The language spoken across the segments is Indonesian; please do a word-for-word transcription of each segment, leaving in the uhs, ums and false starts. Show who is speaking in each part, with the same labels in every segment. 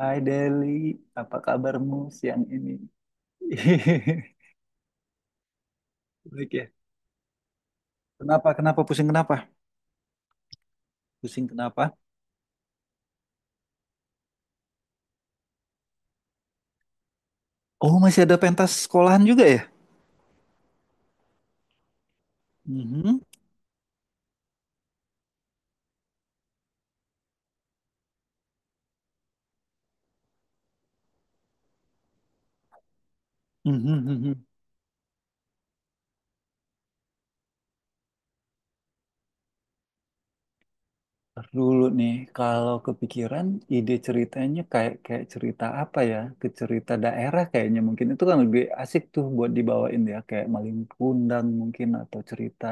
Speaker 1: Hai Deli, apa kabarmu siang ini? Baik ya. Kenapa? Kenapa? Pusing kenapa? Pusing kenapa? Oh, masih ada pentas sekolahan juga ya? Mhm. Mhm, mhm. Ntar dulu nih, kalau kepikiran ide ceritanya kayak kayak cerita apa ya? Ke cerita daerah kayaknya mungkin itu kan lebih asik tuh buat dibawain ya, kayak Maling Kundang mungkin atau cerita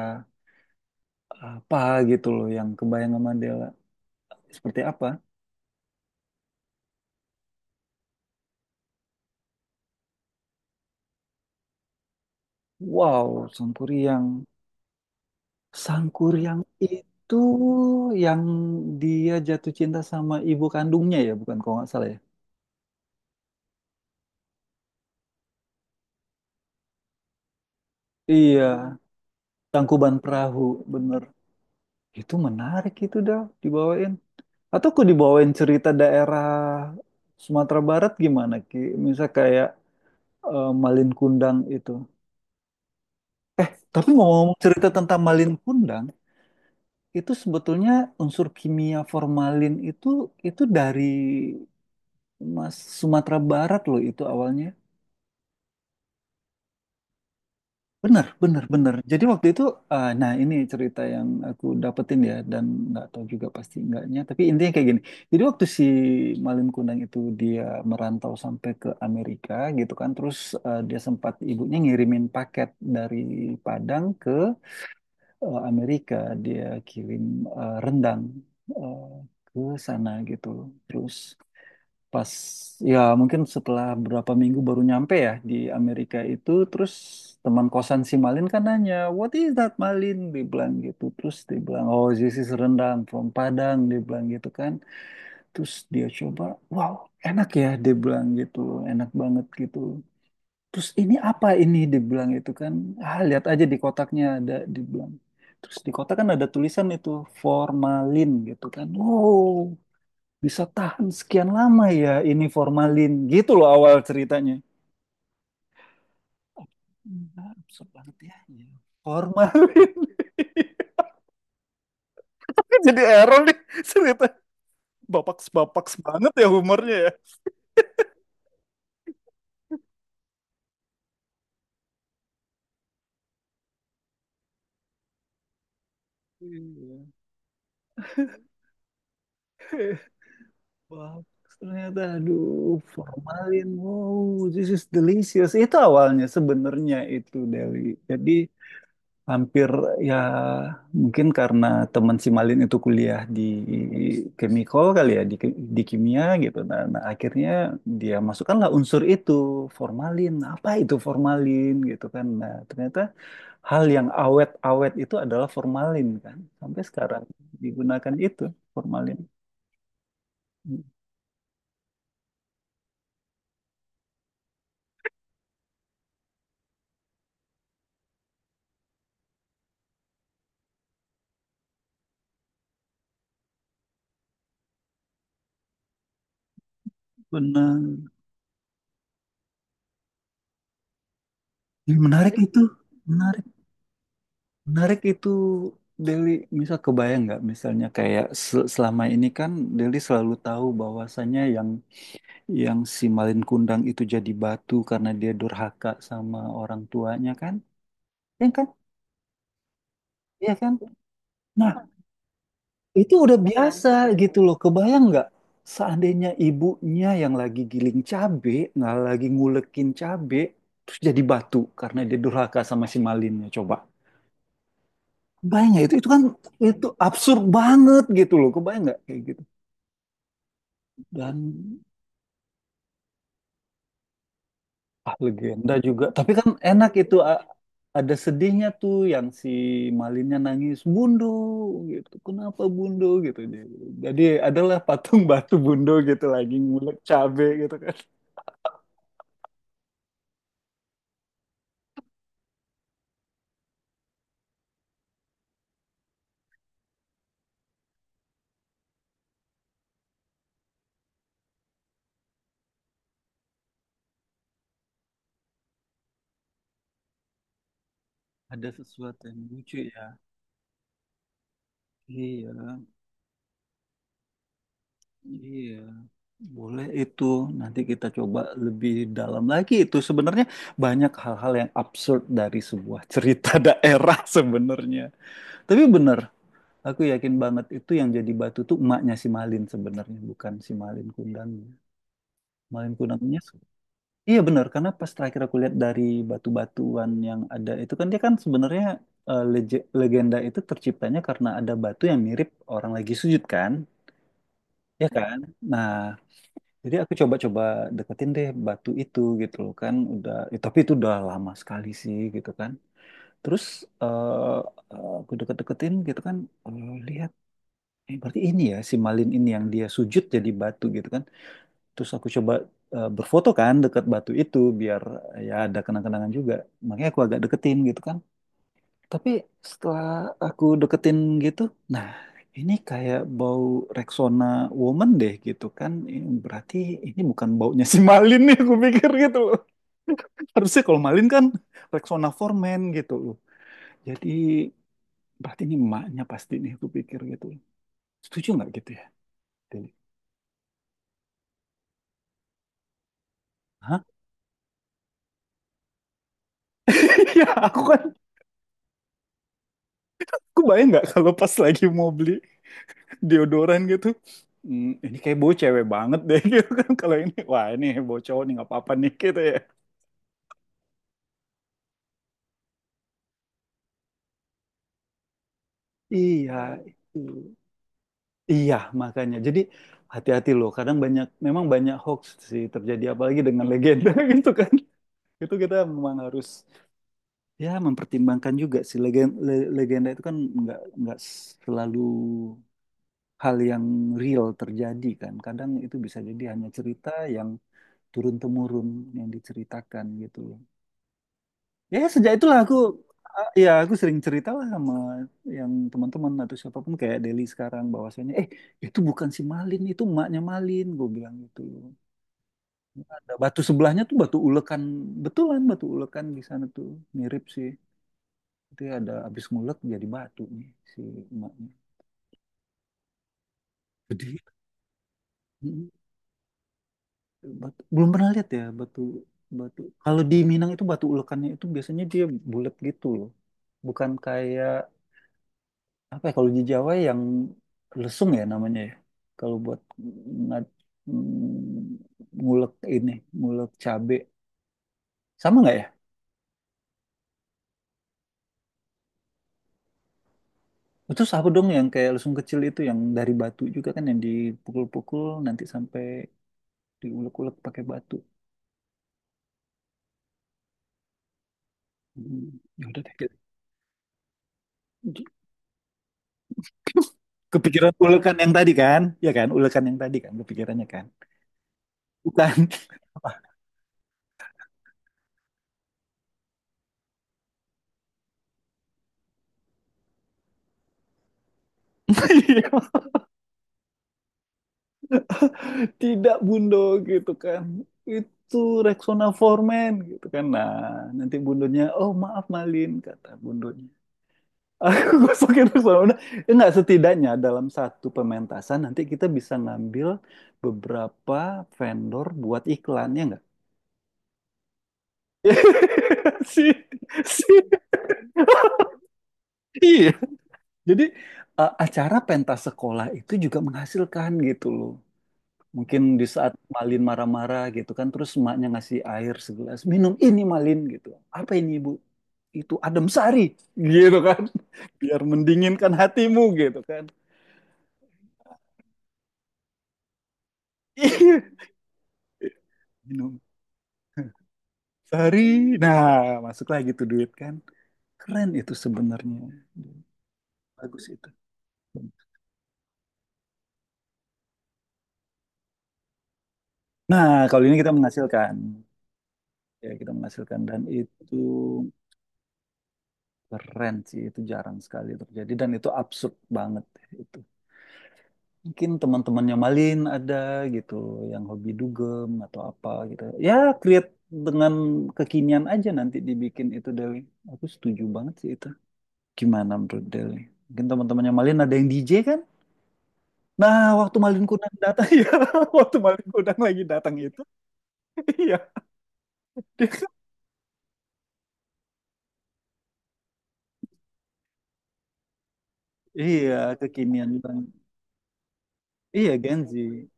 Speaker 1: apa gitu loh yang kebayang sama Dela. Seperti apa? Wow, Sangkuriang. Sangkur yang itu, yang dia jatuh cinta sama ibu kandungnya ya, bukan kalau nggak salah ya. Iya, Tangkuban Perahu, bener. Itu menarik itu dah dibawain. Atau aku dibawain cerita daerah Sumatera Barat gimana Ki? Misal kayak eh, Malin Kundang itu. Tapi ngomong-ngomong cerita tentang Malin Kundang, itu sebetulnya unsur kimia formalin itu itu dari Mas Sumatera Barat loh itu awalnya. Benar, benar, benar. Jadi waktu itu, eh, nah ini cerita yang aku dapetin ya, dan nggak tahu juga pasti enggaknya, tapi intinya kayak gini. Jadi waktu si Malin Kundang itu dia merantau sampai ke Amerika gitu kan, terus eh, dia sempat ibunya ngirimin paket dari Padang ke eh, Amerika, dia kirim eh, rendang eh, ke sana gitu. Terus pas ya mungkin setelah berapa minggu baru nyampe ya di Amerika itu. Terus teman kosan si Malin kan nanya, "What is that, Malin?" dia bilang gitu. Terus dia bilang, "Oh, this is rendang from Padang," dia bilang gitu kan. Terus dia coba, "Wow, enak ya," dia bilang gitu, "enak banget gitu, terus ini apa ini?" dia bilang itu kan. "Ah, lihat aja di kotaknya ada," dia bilang. Terus di kotak kan ada tulisan itu formalin gitu kan. "Wow, bisa tahan sekian lama ya ini formalin," gitu loh awal ceritanya. Enggak, absurd banget ya. Ya. Formalin. Jadi error nih cerita. Bapak-bapak banget ya humornya ya. Iya. Wow, ternyata aduh formalin. Wow, this is delicious. Itu awalnya sebenarnya itu Deli. Jadi hampir ya mungkin karena teman si Malin itu kuliah di chemical kali ya, di, di kimia gitu. Nah, nah, akhirnya dia masukkanlah unsur itu formalin, apa itu formalin gitu kan. Nah, ternyata hal yang awet-awet itu adalah formalin kan, sampai sekarang digunakan itu formalin. Hmm, benar. Ih, menarik itu, menarik. Menarik itu Deli, bisa kebayang nggak misalnya kayak se- selama ini kan Deli selalu tahu bahwasannya yang yang si Malin Kundang itu jadi batu karena dia durhaka sama orang tuanya kan? Ya kan? Iya kan? Nah, itu udah biasa gitu loh. Kebayang nggak seandainya ibunya yang lagi giling cabe, nggak lagi ngulekin cabe, terus jadi batu karena dia durhaka sama si Malinnya coba. Kebayang nggak itu? Itu kan itu absurd banget gitu loh. Kebayang nggak kayak gitu? Dan ah legenda juga tapi kan enak itu. A- ada sedihnya tuh yang si Malinnya nangis bundo gitu, kenapa bundo gitu dia gitu. Jadi adalah patung batu bundo gitu lagi ngulek cabe gitu kan. Ada sesuatu yang lucu ya. Iya, iya, boleh itu. Nanti kita coba lebih dalam lagi itu. Sebenarnya banyak hal-hal yang absurd dari sebuah cerita daerah sebenarnya, tapi bener. Aku yakin banget itu yang jadi batu tuh emaknya si Malin sebenarnya, bukan si Malin Kundangnya. Malin Kundangnya, su- iya benar, karena pas terakhir aku lihat dari batu-batuan yang ada itu kan dia kan sebenarnya eh, lege- legenda itu terciptanya karena ada batu yang mirip orang lagi sujud kan, ya kan? Nah, jadi aku coba-coba deketin deh batu itu gitu loh kan, udah, eh, tapi itu udah lama sekali sih gitu kan. Terus eh, eh, aku deket-deketin gitu kan, eh, lihat. Eh, berarti ini ya si Malin ini yang dia sujud jadi batu gitu kan. Terus aku coba eh, berfoto kan dekat batu itu biar eh, ya ada kenang-kenangan juga. Makanya aku agak deketin gitu kan. Tapi setelah aku deketin gitu, nah ini kayak bau Rexona Woman deh gitu kan. Ini berarti ini bukan baunya si Malin nih, aku pikir gitu loh. Harusnya kalau Malin kan Rexona Foreman gitu loh. Jadi berarti ini emaknya pasti nih, aku pikir gitu loh. Setuju nggak gitu ya? Deli? Hah? Ya, aku kan, aku bayang nggak kalau pas lagi mau beli deodoran gitu, "Hmm, ini kayak bau cewek banget deh," gitu kan. "Kalau ini, wah ini bau cowok nih, nggak apa-apa nih," gitu ya. Iya, itu. Iya, makanya. Jadi hati-hati loh. Kadang banyak, memang banyak hoax sih terjadi, apalagi dengan legenda gitu kan. Itu kita memang harus ya mempertimbangkan juga sih. Legenda, legenda itu kan nggak nggak selalu hal yang real terjadi kan. Kadang itu bisa jadi hanya cerita yang turun temurun yang diceritakan gitu loh. Ya sejak itulah aku eh, ya aku sering cerita lah sama yang teman-teman atau siapapun kayak Deli sekarang, bahwasanya eh itu bukan si Malin, itu emaknya Malin, gue bilang gitu loh. Ada batu sebelahnya tuh, batu ulekan, betulan batu ulekan di sana tuh, mirip sih. Itu ya ada habis ngulek jadi batu nih si emaknya. Gede. Mm, batu- belum pernah lihat ya batu batu. Kalau di Minang itu batu ulekannya itu biasanya dia bulat gitu loh, bukan kayak apa ya, kalau di Jawa yang lesung ya namanya ya. Kalau buat ngad- ngulek ini, ngulek cabe. Sama nggak ya? Itu apa dong yang kayak lesung kecil itu yang dari batu juga kan yang dipukul-pukul nanti sampai diulek-ulek pakai batu. Hmm, ya udah deh. Kepikiran ulekan yang tadi kan? Ya kan, ulekan yang tadi kan kepikirannya kan. Bukan. Iya. Tidak Bundo gitu kan, itu Rexona Foreman gitu kan. Nah, nanti Bundonya, "Oh maaf Malin," kata Bundonya, "aku gosokin Rexona." Eh, enggak setidaknya dalam satu pementasan nanti kita bisa ngambil beberapa vendor buat iklan ya, enggak? si, si. Iya. Jadi eh, acara pentas sekolah itu juga menghasilkan gitu loh. Mungkin di saat Malin marah-marah gitu kan, terus emaknya ngasih air segelas, "Minum ini Malin," gitu. "Apa ini Ibu?" "Itu adem sari," gitu kan. "Biar mendinginkan hatimu," gitu kan. Iya, minum sari. Nah, masuklah gitu duit kan. Keren itu sebenarnya. Bagus itu. Nah, kalau ini kita menghasilkan. Ya, kita menghasilkan dan itu keren sih, itu jarang sekali terjadi dan itu absurd banget. Itu mungkin teman-temannya Malin ada gitu yang hobi dugem atau apa gitu. Ya, create dengan kekinian aja nanti dibikin itu Dewi. Aku setuju banget sih itu. Gimana menurut Dewi? Mungkin teman-temannya Malin ada yang D J kan? Nah, waktu Malin Kundang datang, ya, waktu Malin Kundang lagi datang itu, iya, dia kan- iya, kekinian banget. Iya, Genzi.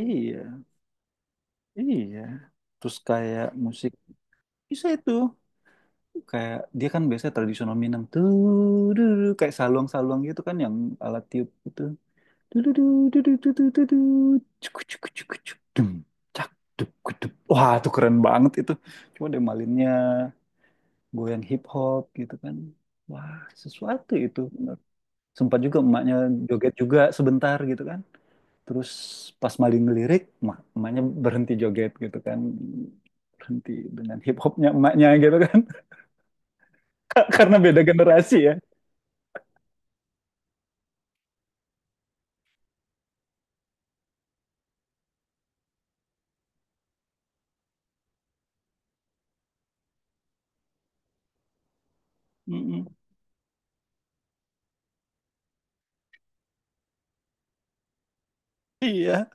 Speaker 1: Iya, iya. Terus kayak musik bisa itu, kayak dia kan biasanya tradisional Minang tuh, duh, duh, duh, kayak saluang-saluang gitu kan yang alat tiup gitu. Duh, duh, duh, duh, duh, duh, duh, duh, duh. Cuk, cuk, cuk, cuk, dum, cak, duk, gudup. Wah itu keren banget itu, cuma dia malinnya goyang hip hop gitu kan. Wah, sesuatu itu bener. Sempat juga emaknya joget juga sebentar gitu kan, terus pas malin ngelirik emak- emaknya berhenti joget gitu kan, berhenti dengan hip hopnya emaknya gitu kan, karena beda generasi ya. Mm-mm. Iya.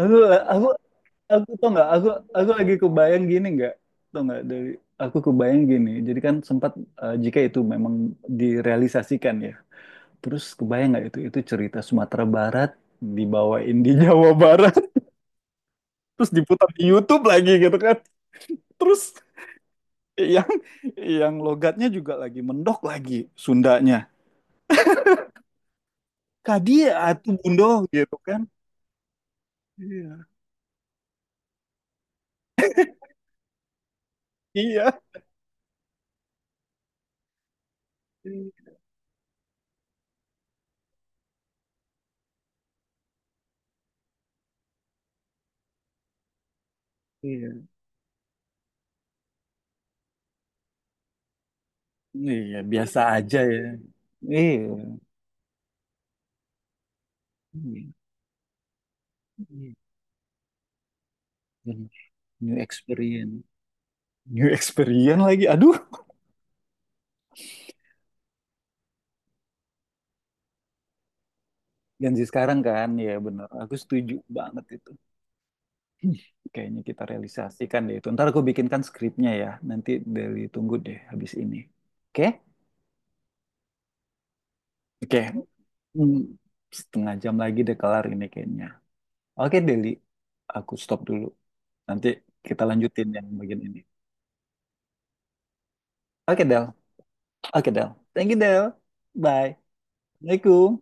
Speaker 1: Aku aku aku tau nggak? Aku aku lagi kebayang gini nggak? Tau nggak dari aku kebayang gini. Jadi kan sempat eh, jika itu memang direalisasikan ya. Terus kebayang nggak itu itu cerita Sumatera Barat dibawain di Jawa Barat, terus diputar di YouTube lagi gitu kan. Terus yang yang logatnya juga lagi mendok lagi Sundanya. "Kadia atuh bundo," gitu kan. Iya. Iya. Iya. Iya, biasa aja ya. Iya. Iya. New experience. New experience lagi. Aduh, Gen Z sekarang kan. Ya bener. Aku setuju banget itu. Hmm, kayaknya kita realisasikan deh itu. Ntar aku bikinkan skripnya ya. Nanti Deli tunggu deh habis ini. Oke? Oke. Hmm, setengah jam lagi deh kelar ini kayaknya. Oke Deli, aku stop dulu. Nanti kita lanjutin yang bagian ini. Oke Del. Oke Del. Thank you Del. Bye. Assalamualaikum.